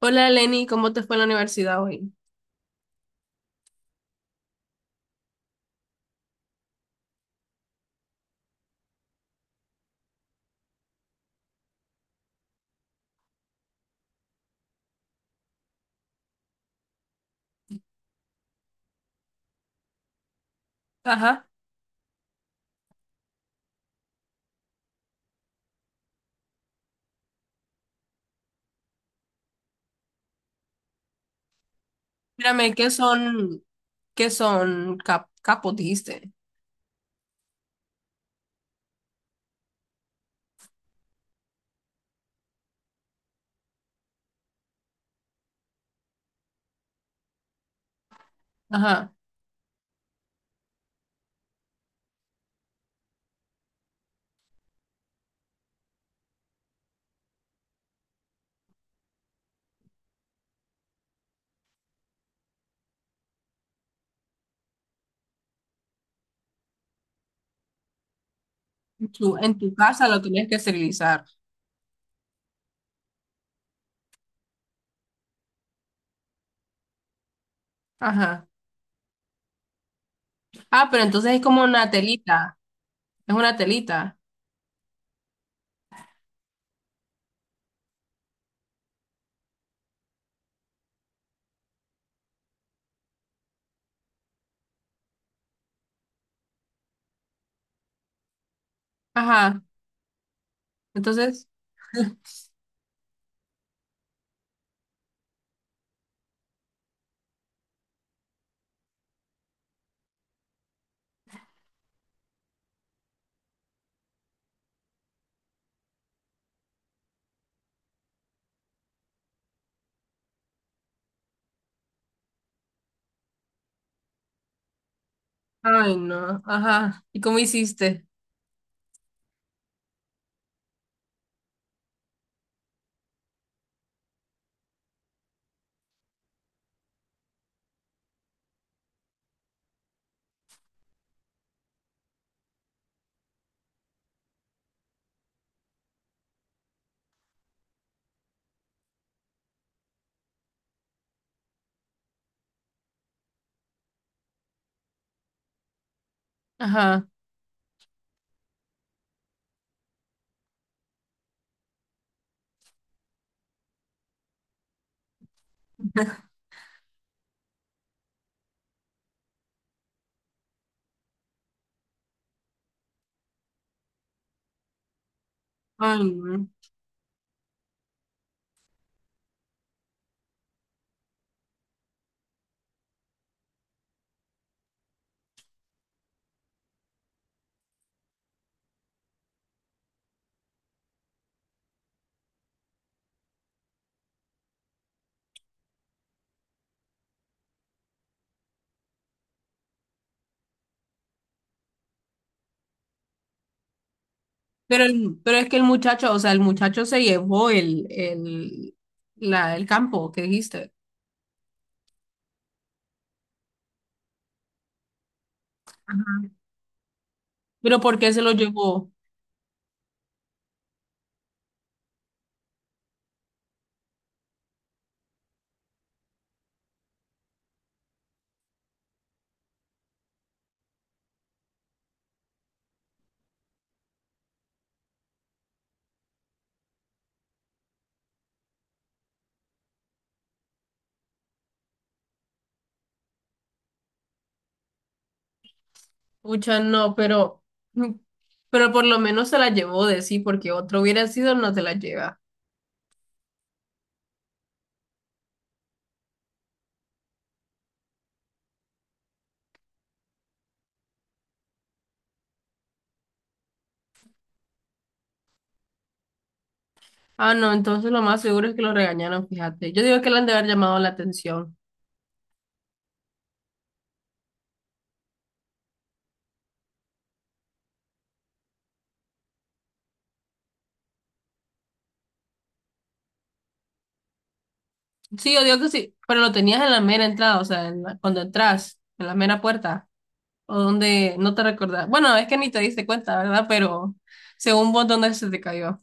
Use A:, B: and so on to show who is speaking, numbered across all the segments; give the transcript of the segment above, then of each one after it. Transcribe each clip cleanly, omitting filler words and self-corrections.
A: Hola Lenny, ¿cómo te fue en la universidad hoy? Ajá. Mírame, ¿qué son, ¿capos, dijiste? Ajá. En tu casa lo tenías que esterilizar. Ajá. Ah, pero entonces es como una telita. Es una telita. Ajá. Entonces, ay no, ajá. ¿Y cómo hiciste? Ajá. Ay, no. Pero, pero es que el muchacho, o sea, el muchacho se llevó el campo que dijiste. Ajá. Pero ¿por qué se lo llevó? Pucha, no, pero, mm, pero por lo menos se la llevó de sí, porque otro hubiera sido, no se la lleva. Ah, no, entonces lo más seguro es que lo regañaron, fíjate. Yo digo que le han de haber llamado la atención. Sí, yo digo que sí, pero lo tenías en la mera entrada, o sea, cuando entras, en la mera puerta, o donde no te recordás. Bueno, es que ni te diste cuenta, ¿verdad? Pero según vos, ¿dónde se te cayó?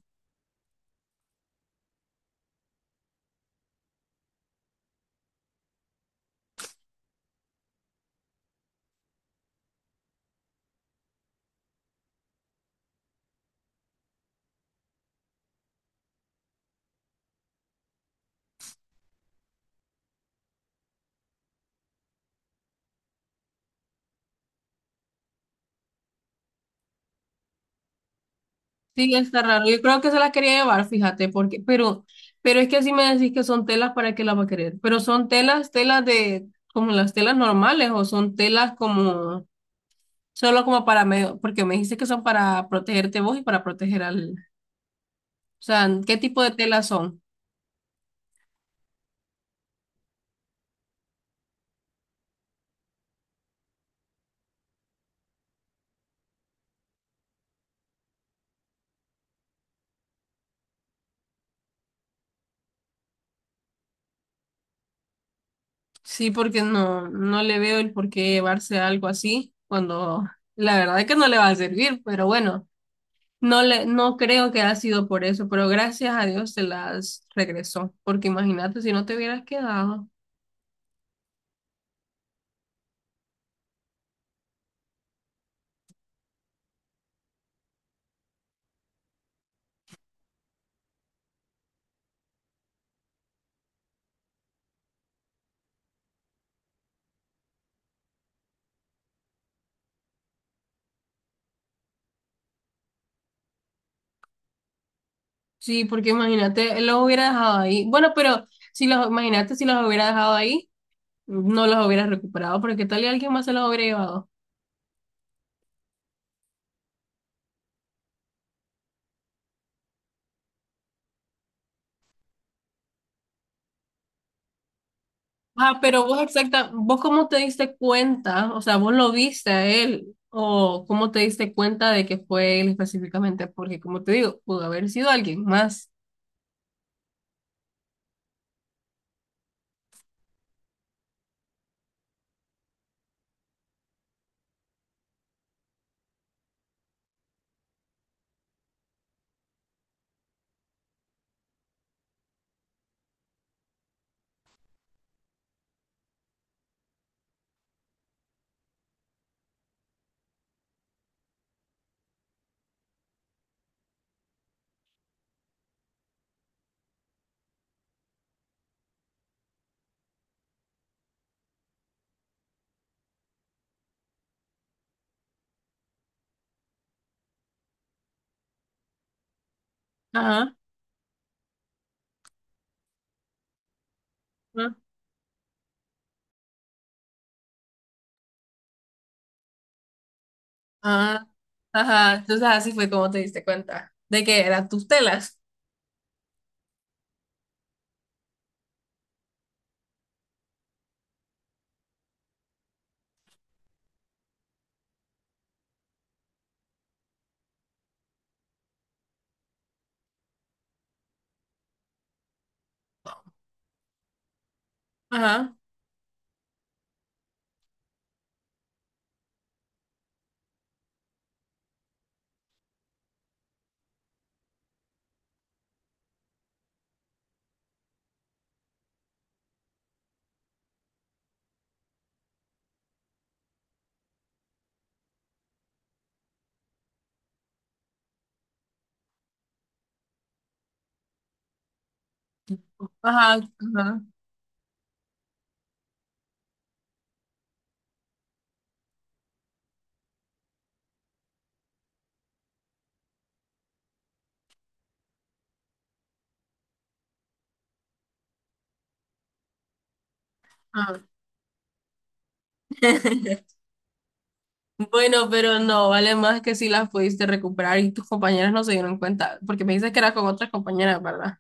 A: Sí, está raro. Yo creo que se las quería llevar, fíjate, porque, pero es que así me decís que son telas, ¿para qué las va a querer? Pero son telas, telas de, como las telas normales, o son telas como, solo como para medio, porque me dijiste que son para protegerte vos y para proteger al, o sea, ¿qué tipo de telas son? Sí, porque no, no le veo el por qué llevarse algo así, cuando la verdad es que no le va a servir, pero bueno. No creo que ha sido por eso, pero gracias a Dios se las regresó, porque imagínate si no te hubieras quedado. Sí, porque imagínate, los hubiera dejado ahí. Bueno, pero imagínate si los hubiera dejado ahí, no los hubieras recuperado, porque ¿qué tal y alguien más se los hubiera llevado? Ah, pero vos exacta, vos cómo te diste cuenta, o sea, vos lo viste a él, ¿o cómo te diste cuenta de que fue él específicamente? Porque como te digo, pudo haber sido alguien más. Ajá. Ah, ajá. Entonces así fue como te diste cuenta de que eran tus telas. Ajá, ajá, ajá, ajá. Bueno, pero no, vale más que si las pudiste recuperar y tus compañeras no se dieron cuenta, porque me dices que eras con otras compañeras, ¿verdad?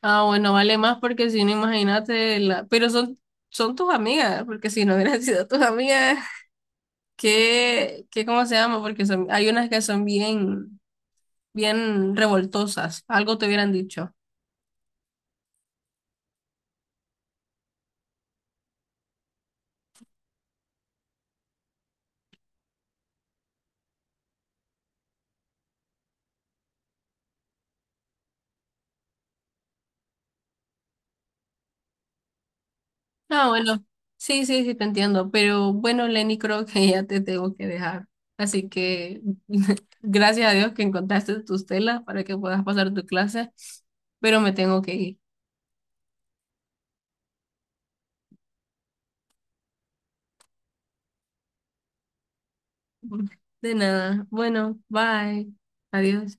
A: Ah, bueno, vale más porque si no, imagínate, la... pero son, son tus amigas, porque si no hubieran sido tus amigas, ¿cómo se llama? Porque son, hay unas que son bien, bien revoltosas, algo te hubieran dicho. Ah, bueno, sí, sí, sí, te entiendo. Pero bueno, Lenny, creo que ya te tengo que dejar. Así que gracias a Dios que encontraste tus telas para que puedas pasar tu clase, pero me tengo que ir. De nada. Bueno, bye. Adiós.